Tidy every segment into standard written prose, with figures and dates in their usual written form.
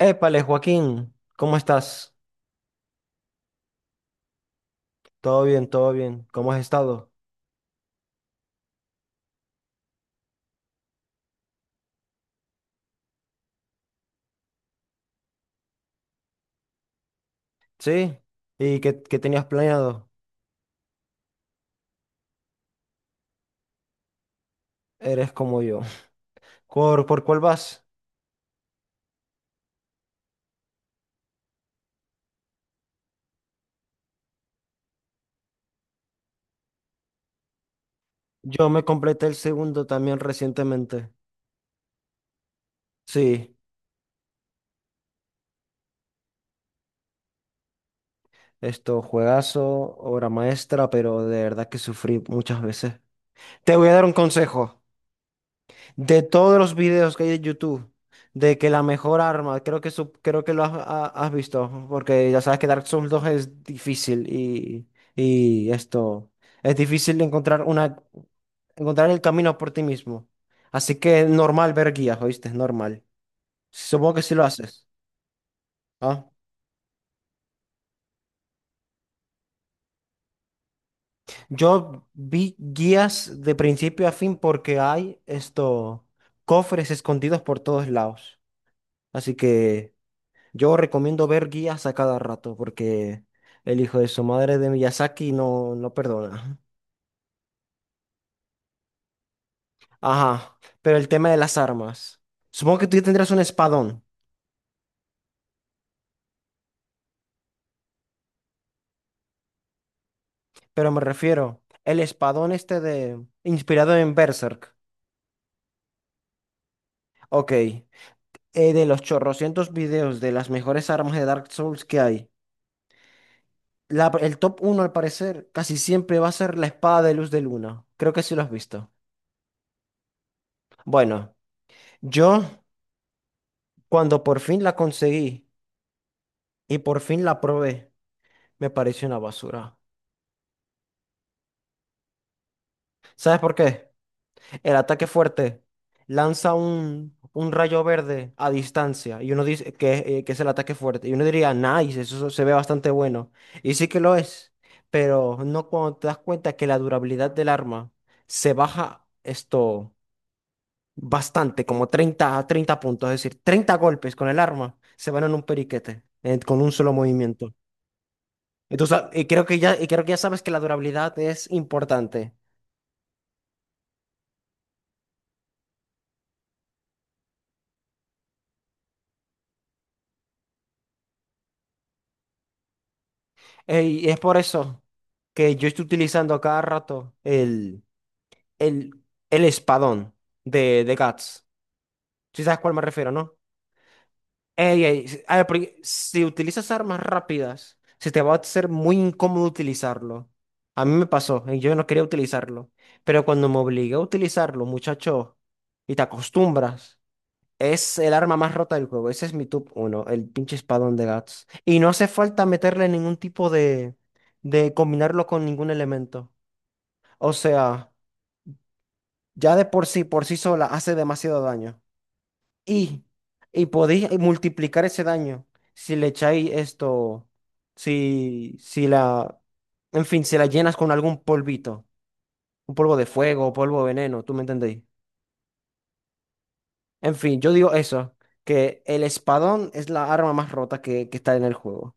Épale, Joaquín, ¿cómo estás? Todo bien, todo bien. ¿Cómo has estado? ¿Sí? ¿Y qué tenías planeado? Eres como yo. ¿Por cuál vas? Yo me completé el segundo también recientemente. Sí, esto, juegazo, obra maestra, pero de verdad que sufrí muchas veces. Te voy a dar un consejo. De todos los videos que hay en YouTube, de que la mejor arma, creo que lo has visto, porque ya sabes que Dark Souls dos es difícil y esto, es difícil encontrar una, encontrar el camino por ti mismo. Así que es normal ver guías, ¿oíste? Es normal. Supongo que sí lo haces. ¿Ah? Yo vi guías de principio a fin porque hay esto, cofres escondidos por todos lados. Así que. Yo recomiendo ver guías a cada rato porque el hijo de su madre de Miyazaki no, no perdona. Ajá, pero el tema de las armas. Supongo que tú ya tendrás un espadón, pero me refiero, el espadón este inspirado en Berserk. Ok, de los chorrocientos videos de las mejores armas de Dark Souls que hay, el top uno al parecer casi siempre va a ser la espada de luz de luna. Creo que sí lo has visto. Bueno, yo cuando por fin la conseguí y por fin la probé. Me parece una basura. ¿Sabes por qué? El ataque fuerte lanza un rayo verde a distancia y uno dice que es el ataque fuerte. Y uno diría, nice, eso se ve bastante bueno. Y sí que lo es, pero no cuando te das cuenta que la durabilidad del arma se baja esto bastante, como 30, 30 puntos. Es decir, 30 golpes con el arma se van en un periquete, con un solo movimiento. Entonces, y creo que ya sabes que la durabilidad es importante. Ey, y es por eso que yo estoy utilizando a cada rato el, el espadón de Guts. ¿Sí sabes a cuál me refiero, no? Ey, ey, si ah, porque si utilizas armas rápidas, se te va a hacer muy incómodo utilizarlo. A mí me pasó, y yo no quería utilizarlo. Pero cuando me obligué a utilizarlo, muchacho, y te acostumbras. Es el arma más rota del juego. Ese es mi top uno, el pinche espadón de Guts. Y no hace falta meterle ningún tipo de combinarlo con ningún elemento. O sea, ya de por sí sola, hace demasiado daño. Y, y podéis multiplicar ese daño si le echáis esto, si la, en fin, si la llenas con algún polvito, un polvo de fuego, polvo de veneno, ¿tú me entendéis? En fin, yo digo eso, que el espadón es la arma más rota que está en el juego.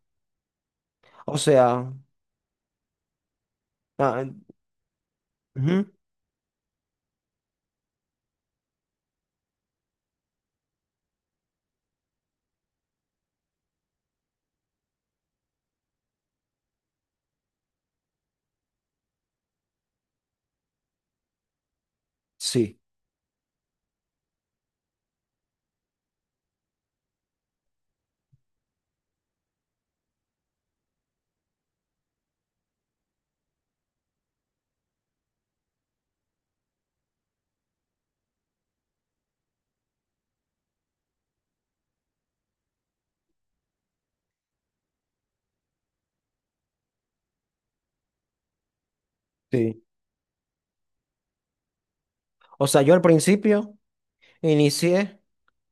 O sea, ah, ujú, sí, sí. O sea, yo al principio inicié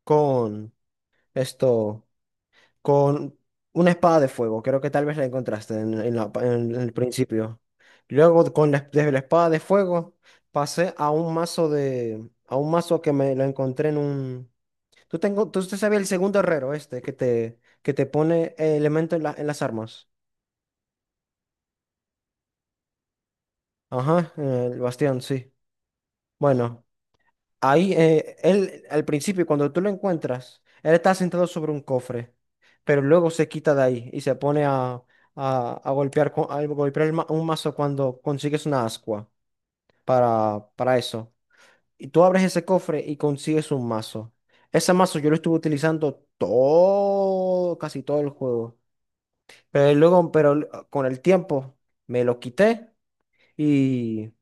con esto, con una espada de fuego. Creo que tal vez la encontraste en el principio. Luego, desde la espada de fuego, pasé a un mazo que me lo encontré en un. Tú tengo, tú usted sabes el segundo herrero este que te pone elemento en en las armas. Ajá, en el bastión, sí. Bueno. Ahí, él, al principio, cuando tú lo encuentras, él está sentado sobre un cofre, pero luego se quita de ahí y se pone a golpear, a golpear un mazo cuando consigues una ascua para eso. Y tú abres ese cofre y consigues un mazo. Ese mazo yo lo estuve utilizando todo, casi todo el juego. Pero luego, con el tiempo me lo quité y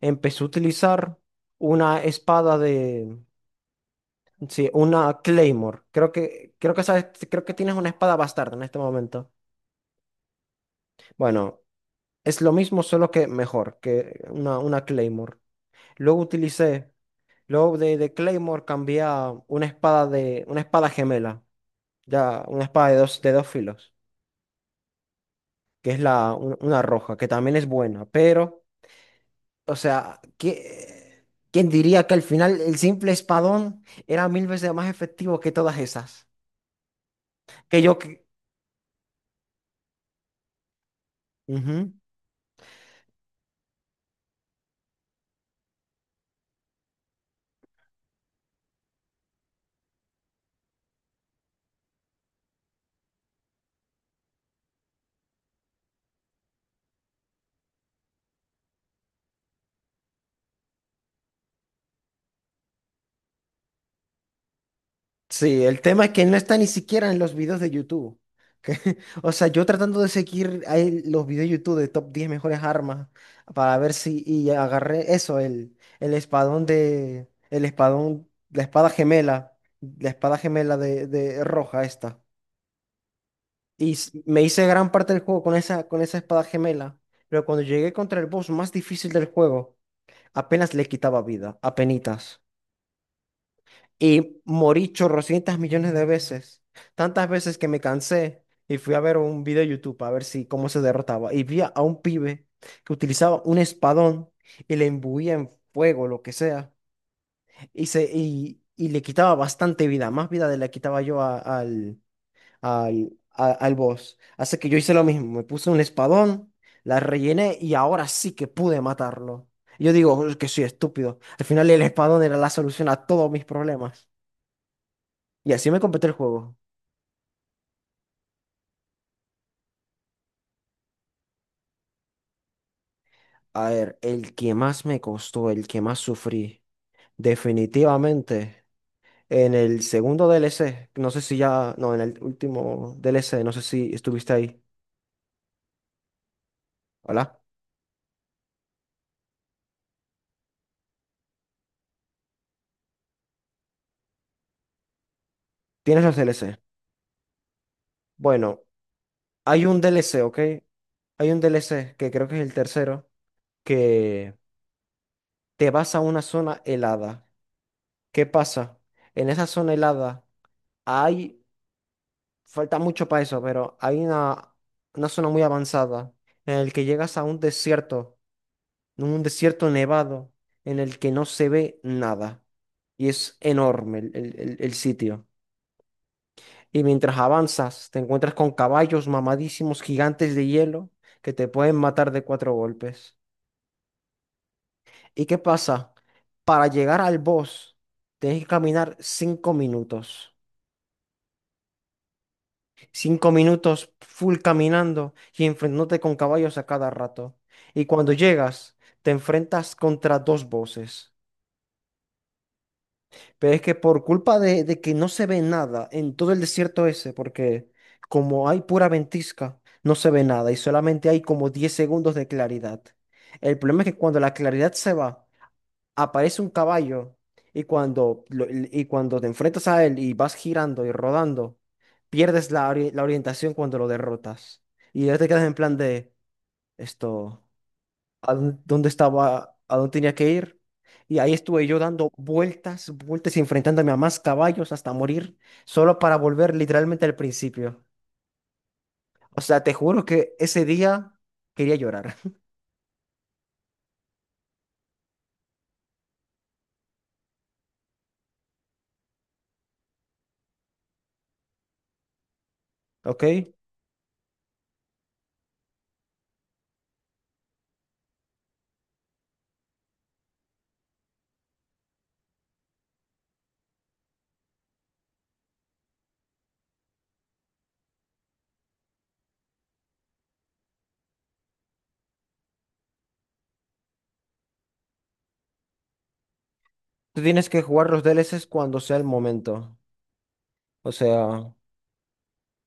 empecé a utilizar una espada. Sí, una Claymore. Creo que sabes, creo que tienes una espada bastarda en este momento. Bueno, es lo mismo, solo que mejor que una Claymore. Luego utilicé, luego de Claymore cambié a una espada gemela. Ya, una espada de dos filos, que es una roja, que también es buena. Pero, o sea, ¿quién diría que al final el simple espadón era mil veces más efectivo que todas esas? Que yo que. Sí, el tema es que no está ni siquiera en los videos de YouTube. que- o sea, yo tratando de seguir ahí los videos de YouTube de top 10 mejores armas para ver si y agarré eso, el espadón de el espadón, la espada gemela de roja esta. Y me hice gran parte del juego con esa espada gemela, pero cuando llegué contra el boss más difícil del juego, apenas le quitaba vida, apenitas. Y morí chorrocientas millones de veces. Tantas veces que me cansé y fui a ver un video de YouTube a ver si cómo se derrotaba. Y vi a un pibe que utilizaba un espadón y le imbuía en fuego, lo que sea. Y le quitaba bastante vida, más vida de la que quitaba yo al boss. Así que yo hice lo mismo, me puse un espadón, la rellené y ahora sí que pude matarlo. Yo digo: "Es que soy estúpido. Al final el espadón era la solución a todos mis problemas". Y así me completé el juego. A ver, el que más me costó, el que más sufrí, definitivamente, en el segundo DLC, no sé si ya, no, en el último DLC, no sé si estuviste ahí. Hola, ¿tienes los DLC? Bueno, hay un DLC, ¿ok? Hay un DLC que creo que es el tercero, que te vas a una zona helada. ¿Qué pasa? En esa zona helada hay falta mucho para eso, pero hay una zona muy avanzada en el que llegas a un desierto nevado, en el que no se ve nada. Y es enorme el sitio. Y mientras avanzas, te encuentras con caballos mamadísimos gigantes de hielo que te pueden matar de cuatro golpes. ¿Y qué pasa? Para llegar al boss, tienes que caminar 5 minutos. 5 minutos full caminando y enfrentándote con caballos a cada rato. Y cuando llegas, te enfrentas contra dos voces. Pero es que por culpa de que no se ve nada en todo el desierto ese, porque como hay pura ventisca, no se ve nada y solamente hay como 10 segundos de claridad. El problema es que cuando la claridad se va, aparece un caballo y cuando, y cuando te enfrentas a él y vas girando y rodando, pierdes la orientación cuando lo derrotas. Y ya te quedas en plan de esto, ¿A dónde estaba? ¿A dónde tenía que ir? Y ahí estuve yo dando vueltas, vueltas y enfrentándome a más caballos hasta morir, solo para volver literalmente al principio. O sea, te juro que ese día quería llorar, ¿ok? Tú tienes que jugar los DLCs cuando sea el momento. O sea.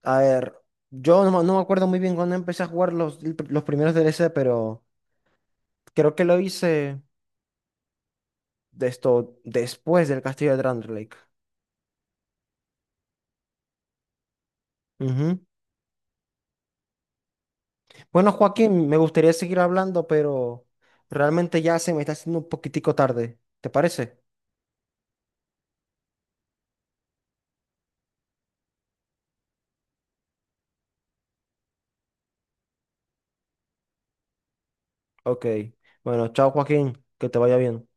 A ver, yo no, me no me acuerdo muy bien cuándo empecé a jugar los primeros DLC, pero creo que lo hice de esto después del Castillo de Drandelike. Ujú. Bueno, Joaquín, me gustaría seguir hablando, pero realmente ya se me está haciendo un poquitico tarde. ¿Te parece? Ok. Bueno, chao, Joaquín, que te vaya bien.